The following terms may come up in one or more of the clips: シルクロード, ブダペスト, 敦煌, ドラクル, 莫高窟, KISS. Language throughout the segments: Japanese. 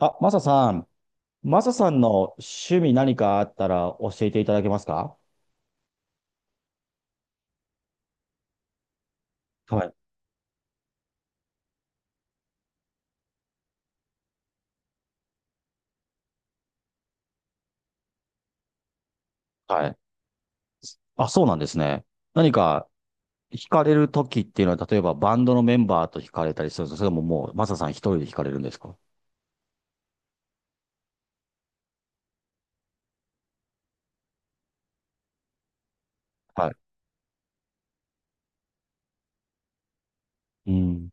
あ、マサさん、マサさんの趣味何かあったら教えていただけますか？はい。はい。あ、そうなんですね。何か惹かれる時っていうのは、例えばバンドのメンバーと惹かれたりするんですか？それとももうマサさん一人で惹かれるんですか？はい。うん。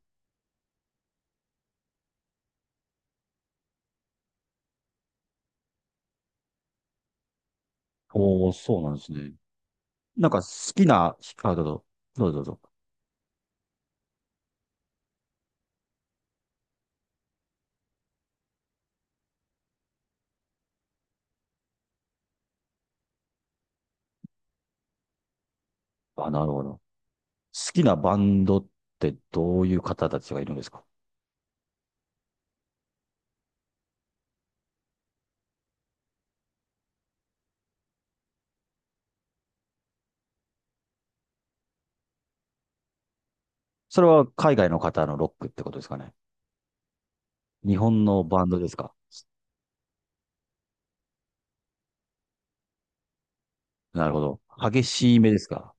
おー、そうなんですね。なんか好きな、あ、どうぞ、どうぞどうぞ。あ、なるほど。好きなバンドってどういう方たちがいるんですか？それは海外の方のロックってことですかね。日本のバンドですか？なるほど。激しい目ですか。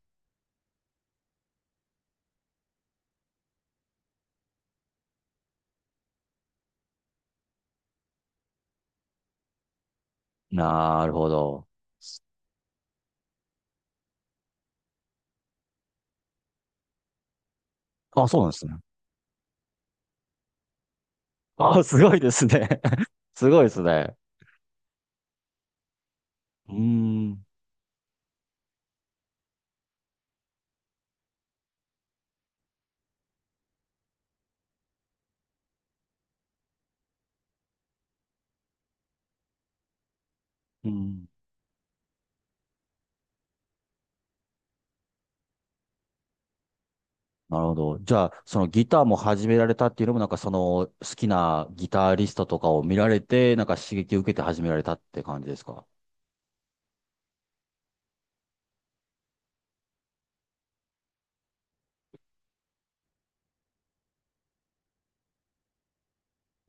なるほど。あ、そうなんですね。あ、すごいですね。すごいですね。うーん。うん。なるほど。じゃあ、そのギターも始められたっていうのも、なんかその好きなギタリストとかを見られて、なんか刺激を受けて始められたって感じですか。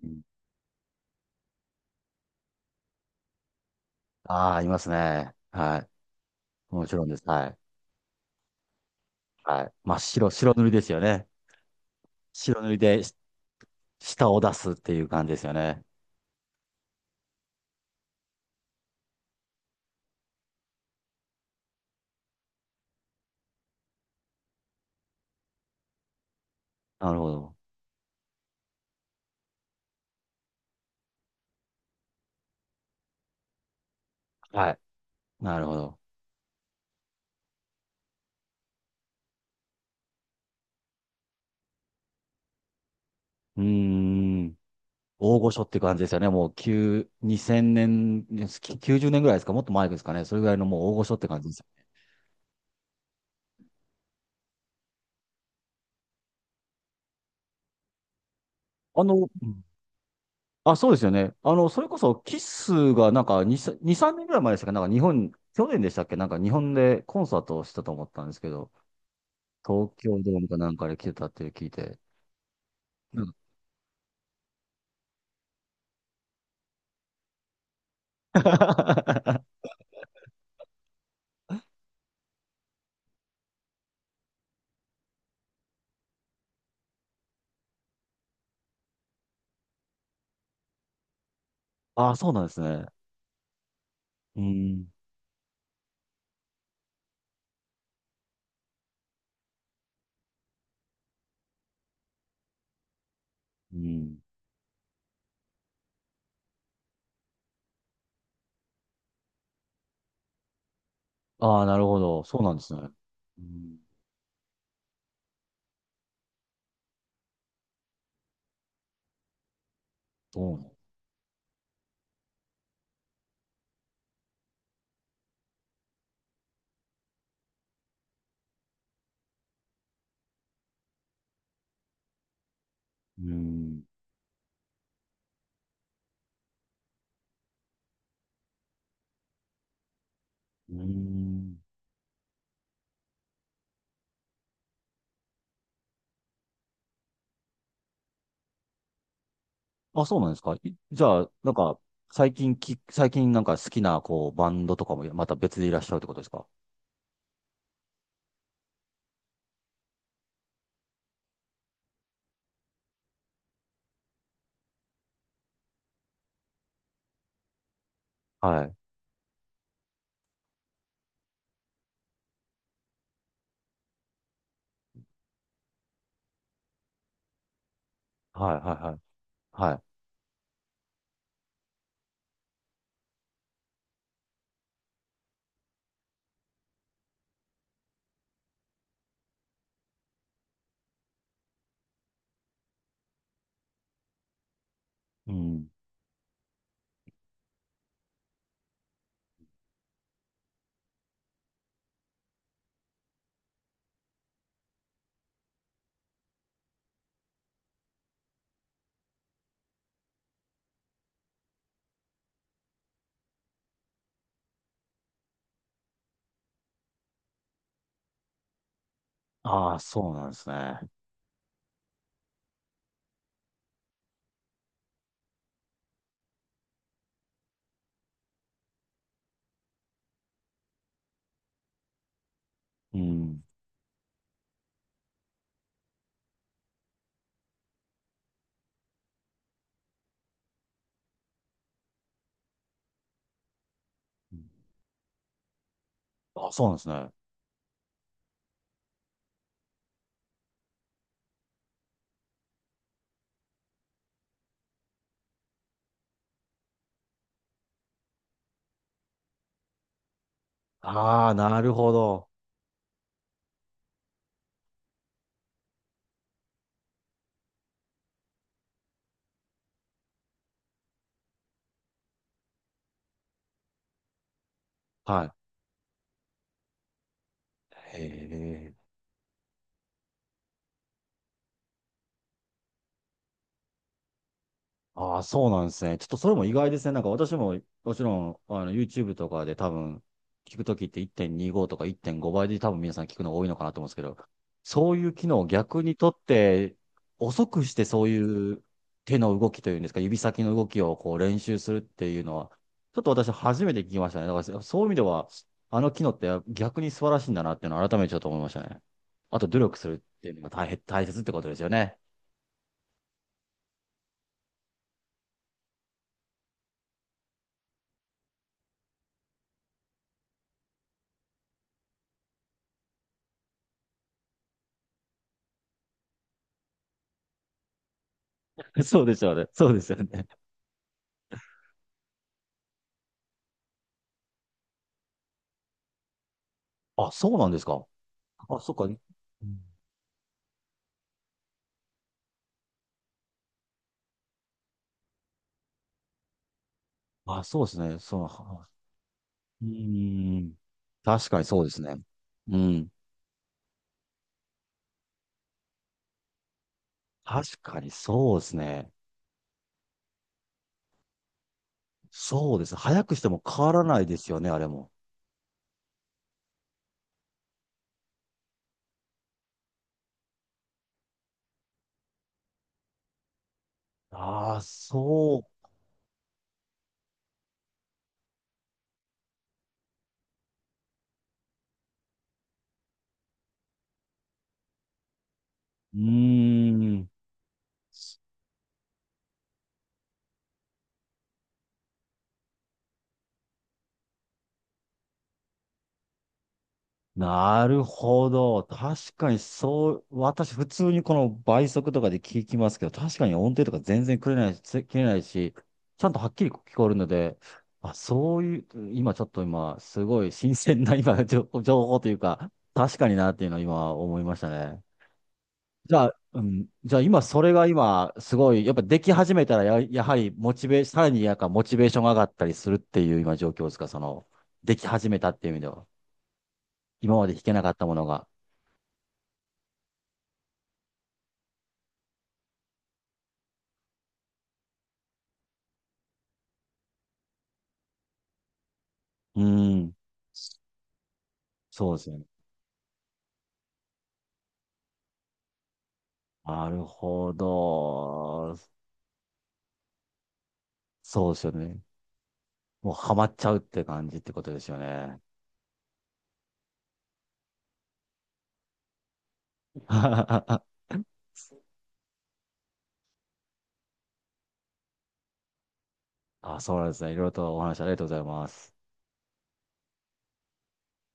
うん。ああ、いますね。はい。もちろんです。はい。はい。真っ白、白塗りですよね。白塗りでし舌を出すっていう感じですよね。なるほど。はい。なるほど。うーん。大御所って感じですよね。もう、9、2000年、90年ぐらいですか、もっと前ですかね。それぐらいのもう大御所って感じです。あの、うん。あ、そうですよね。あの、それこそ、キスがなんか2、3年ぐらい前でしたっけ？なんか日本、去年でしたっけ？なんか日本でコンサートをしたと思ったんですけど、東京ドームかなんかで来てたって聞いて。うん。 あ、そうなんですね。うん。うん。ああ、なるほど。そうなんですね。うん。そう。うん。うん。あ、そうなんですか。じゃあ、なんか、最近なんか好きな、こう、バンドとかもまた別でいらっしゃるってことですか？はい。はい、はい、はい。はい。うん。ああ、そうなんですね。うん。あ、そうなんですね。ああ、なるほど。はい。へえ。ああ、そうなんですね。ちょっとそれも意外ですね。なんか私も、もちろん、YouTube とかで多分、聞くときって1.25とか1.5倍で多分皆さん聞くの多いのかなと思うんですけど、そういう機能を逆にとって、遅くしてそういう手の動きというんですか、指先の動きをこう練習するっていうのは、ちょっと私初めて聞きましたね。だからそういう意味では、あの機能って逆に素晴らしいんだなっていうのを改めてちょっと思いましたね。あと努力するっていうのが大切ってことですよね。そうですよね。そうですよね。あ、そうなんですか。あ、そっか。うん。あ、そうですね。そう。うーん。確かにそうですね。うん。確かにそうですね。そうです。早くしても変わらないですよね、あれも。ああ、そう。うーん。なるほど。確かにそう、私普通にこの倍速とかで聞きますけど、確かに音程とか全然切れないし、切れないし、ちゃんとはっきり聞こえるので、あ、そういう、今ちょっと今、すごい新鮮な今、情報というか、確かになっていうのを今思いましたね。じゃあ、うん、じゃあ今それが今、すごい、やっぱでき始めたらやはりモチベー、さらになんかモチベーションが上がったりするっていう今状況ですか、その、でき始めたっていう意味では。今まで弾けなかったものが。うん。そうですよね。なるほど。そうですよね。もうハマっちゃうって感じってことですよね。あ、そうなんですね。いろいろとお話ありがとうございます。